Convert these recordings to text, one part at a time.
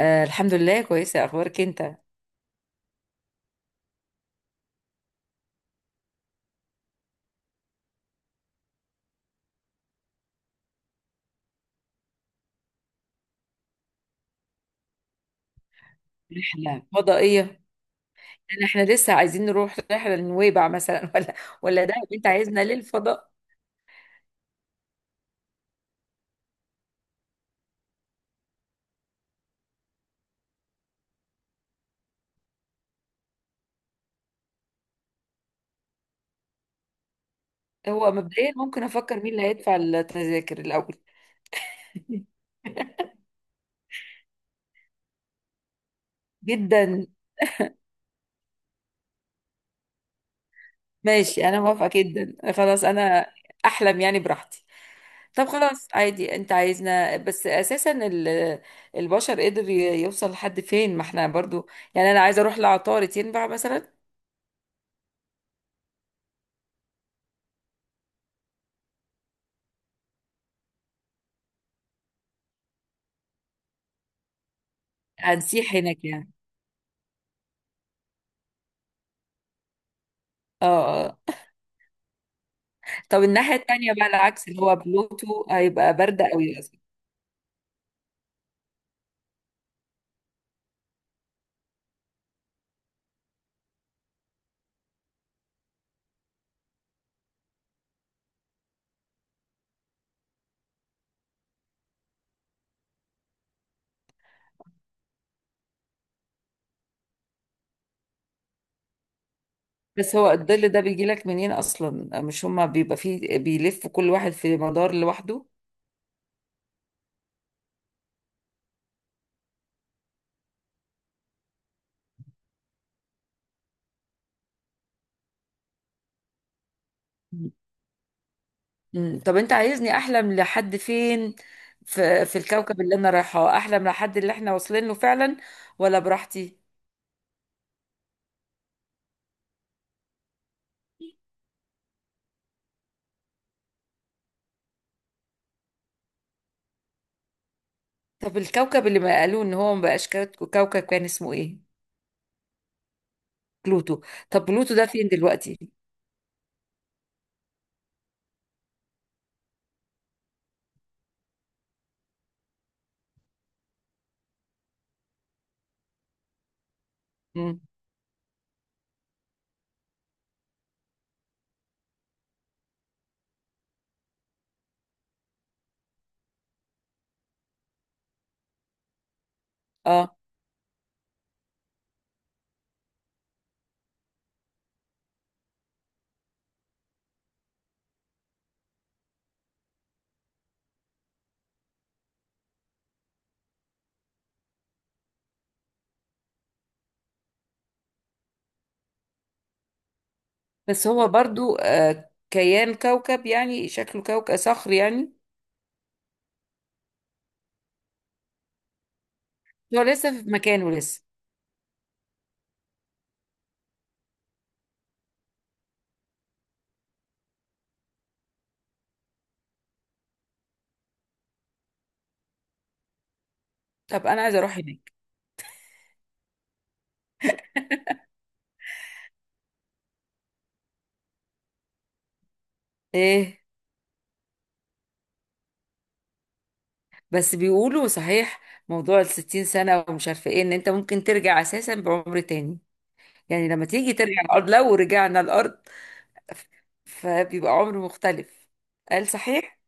آه، الحمد لله، كويسة. أخبارك أنت؟ رحلة فضائية؟ إحنا لسه عايزين نروح رحلة لنويبع مثلا ولا ده أنت عايزنا للفضاء؟ هو مبدئيا، ممكن أفكر مين اللي هيدفع التذاكر الأول. جدا. ماشي، أنا موافقة جدا، خلاص أنا أحلم يعني براحتي. طب خلاص، عادي، أنت عايزنا بس أساسا البشر قدر يوصل لحد فين، ما إحنا برضو. يعني أنا عايزة أروح لعطارد، ينفع مثلا؟ هنسيح هناك يعني؟ اه، آه. طب الناحية التانية بقى، العكس، اللي هو بلوتو هيبقى برد قوي للأسف. بس هو الظل ده بيجي لك منين أصلا؟ مش هما بيبقى فيه بيلف كل واحد في مدار لوحده؟ مم. طب أنت عايزني أحلم لحد فين؟ في الكوكب اللي أنا رايحاه، أحلم لحد اللي إحنا واصلين له فعلا؟ ولا براحتي؟ طب الكوكب اللي ما قالوه إن هو ما بقاش كوكب، كان اسمه إيه؟ بلوتو. طب بلوتو ده فين دلوقتي؟ مم. آه. بس هو برضو كيان كوكب، يعني شكله كوكب صخر يعني. هو لسه في مكانه لسه؟ طب انا عايزه اروح هناك. ايه؟ بس بيقولوا صحيح، موضوع الستين سنه ومش عارفه ايه، ان انت ممكن ترجع اساسا بعمر تاني. يعني لما تيجي ترجع الارض، لو رجعنا الارض. ف- فبيبقى عمر مختلف. قال صحيح.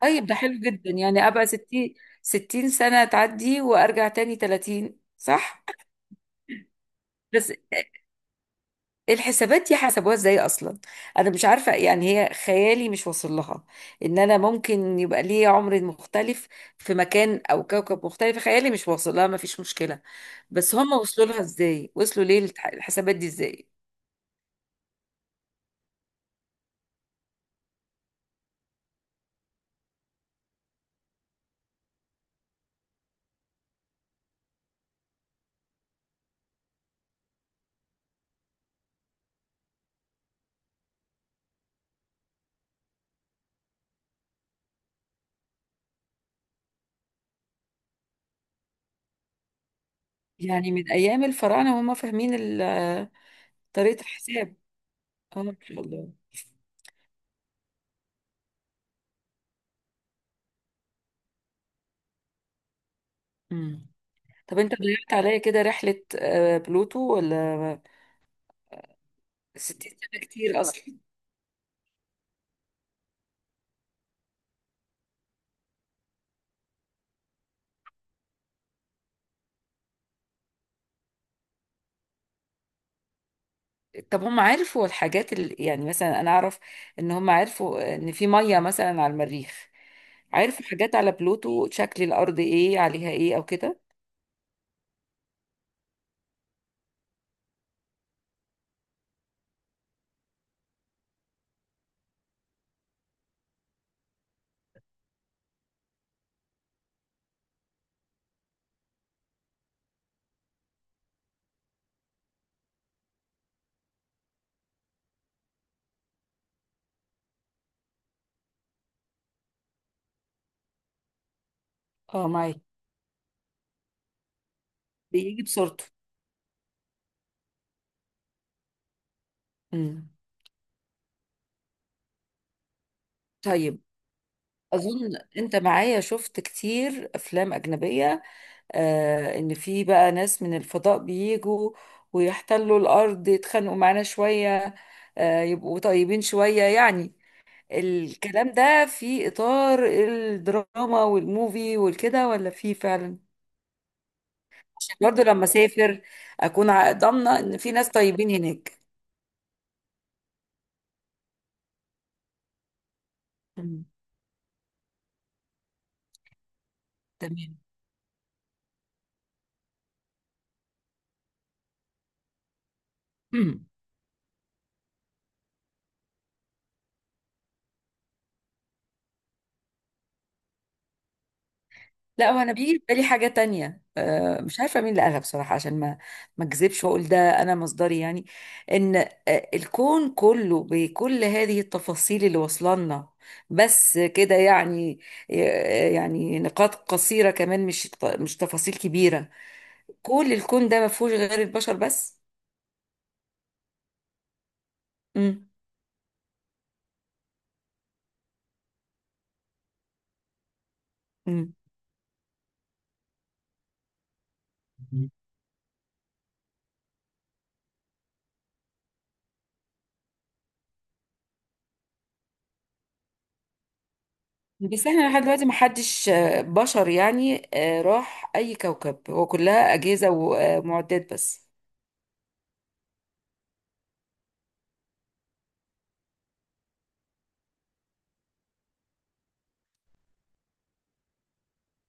طيب ده حلو جدا، يعني ابقى ستين سنه تعدي وارجع تاني تلاتين، صح؟ بس الحسابات دي حسبوها ازاي اصلا؟ انا مش عارفه يعني، هي خيالي مش واصل لها. ان انا ممكن يبقى لي عمر مختلف في مكان او كوكب مختلف، خيالي مش واصل لها، ما فيش مشكله. بس هم وصلوا لها ازاي، وصلوا ليه الحسابات دي ازاي؟ يعني من ايام الفراعنه وهم فاهمين طريقه الحساب. اه، ما شاء الله. امم. طب انت ضيعت عليا كده رحله بلوتو، ولا 60 سنه كتير اصلا؟ طب هم عرفوا الحاجات اللي يعني، مثلا انا اعرف ان هم عرفوا ان في ميه مثلا على المريخ. عرفوا حاجات على بلوتو، شكل الارض ايه، عليها ايه، او كده؟ اه، معاك. بيجي بصورته. امم. طيب. اظن انت معايا شفت كتير افلام اجنبيه، آه، ان في بقى ناس من الفضاء بيجوا ويحتلوا الارض، يتخانقوا معانا شويه، آه، يبقوا طيبين شويه يعني. الكلام ده في إطار الدراما والموفي والكده، ولا في فعلا؟ عشان برضه لما أسافر أكون ضامنة إن في ناس طيبين هناك. مم. تمام. مم. لا، وأنا بيجي في بالي حاجة تانية، مش عارفة مين اللي قالها بصراحة، عشان ما أكذبش وأقول ده أنا مصدري يعني. إن الكون كله بكل هذه التفاصيل اللي وصلنا، بس كده يعني، يعني نقاط قصيرة كمان، مش تفاصيل كبيرة. كل الكون ده ما فيهوش غير البشر بس. امم. مم. بس احنا لحد دلوقتي ما حدش بشر يعني راح اي كوكب، هو كلها اجهزه ومعدات بس.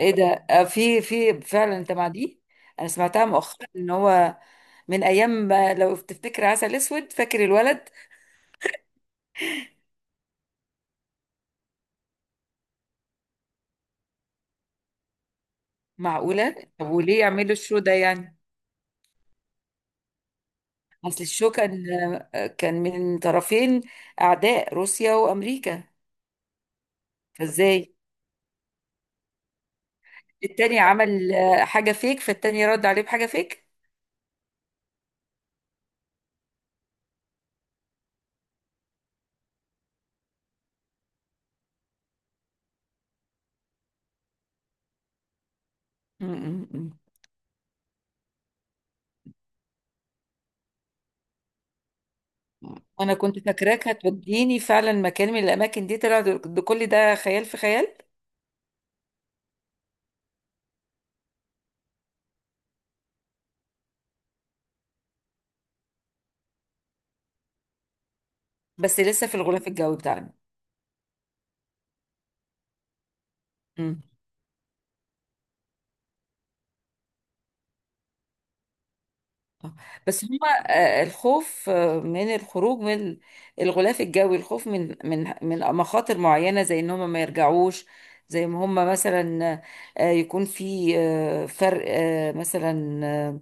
ايه ده؟ في فعلا انت مع دي؟ انا سمعتها مؤخرا ان هو من ايام لو تفتكر عسل اسود، فاكر الولد؟ معقوله؟ طب وليه يعملوا الشو ده يعني؟ اصل الشو كان من طرفين، اعداء، روسيا وامريكا. فازاي؟ التاني عمل حاجة فيك، فالتاني رد عليه بحاجة فيك. م- م- م. أنا كنت فاكراك هتوديني فعلا مكان من الأماكن دي، طلع ده كل ده خيال في خيال. بس لسه في الغلاف الجوي بتاعنا؟ م. آه. بس هما الخوف من الخروج من الغلاف الجوي، الخوف من مخاطر معينة زي إن هما ما يرجعوش، زي ما هما مثلا يكون في فرق مثلا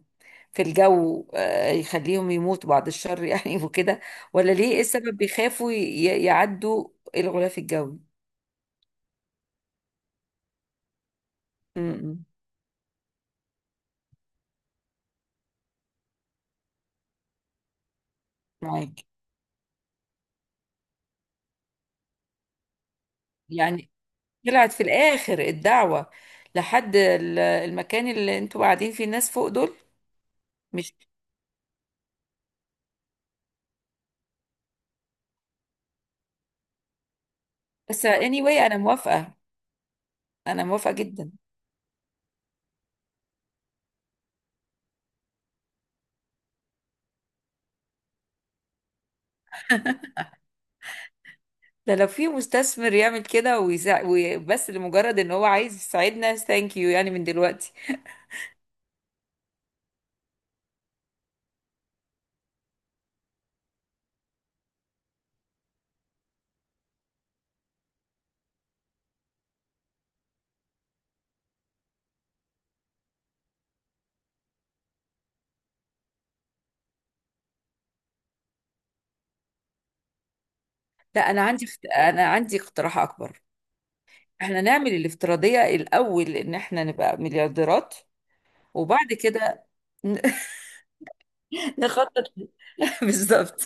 في الجو، يخليهم يموتوا بعد الشر يعني وكده، ولا ليه؟ ايه السبب بيخافوا يعدوا الغلاف الجوي؟ امم. معاك. يعني طلعت في الاخر الدعوة لحد المكان اللي انتوا قاعدين فيه، الناس فوق دول؟ مش. بس anyway انا موافقة، انا موافقة جدا. ده لو في مستثمر يعمل كده بس لمجرد ان هو عايز يساعدنا، ثانك يو يعني من دلوقتي. لا، انا عندي اقتراح اكبر. احنا نعمل الافتراضية الأول، إن احنا نبقى مليارديرات، وبعد كده ن- نخطط بالظبط.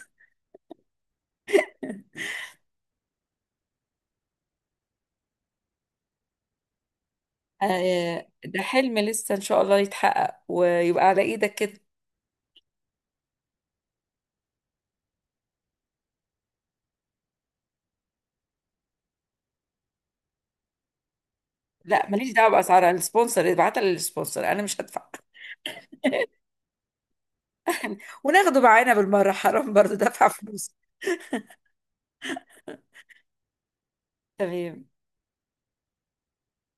ده حلم لسه إن شاء الله يتحقق، ويبقى على إيدك كده. لا، ماليش دعوة بأسعار، أنا السبونسر، ابعتها للسبونسر، أنا مش هدفع. وناخده معانا بالمرة، حرام برضه دفع فلوس. تمام.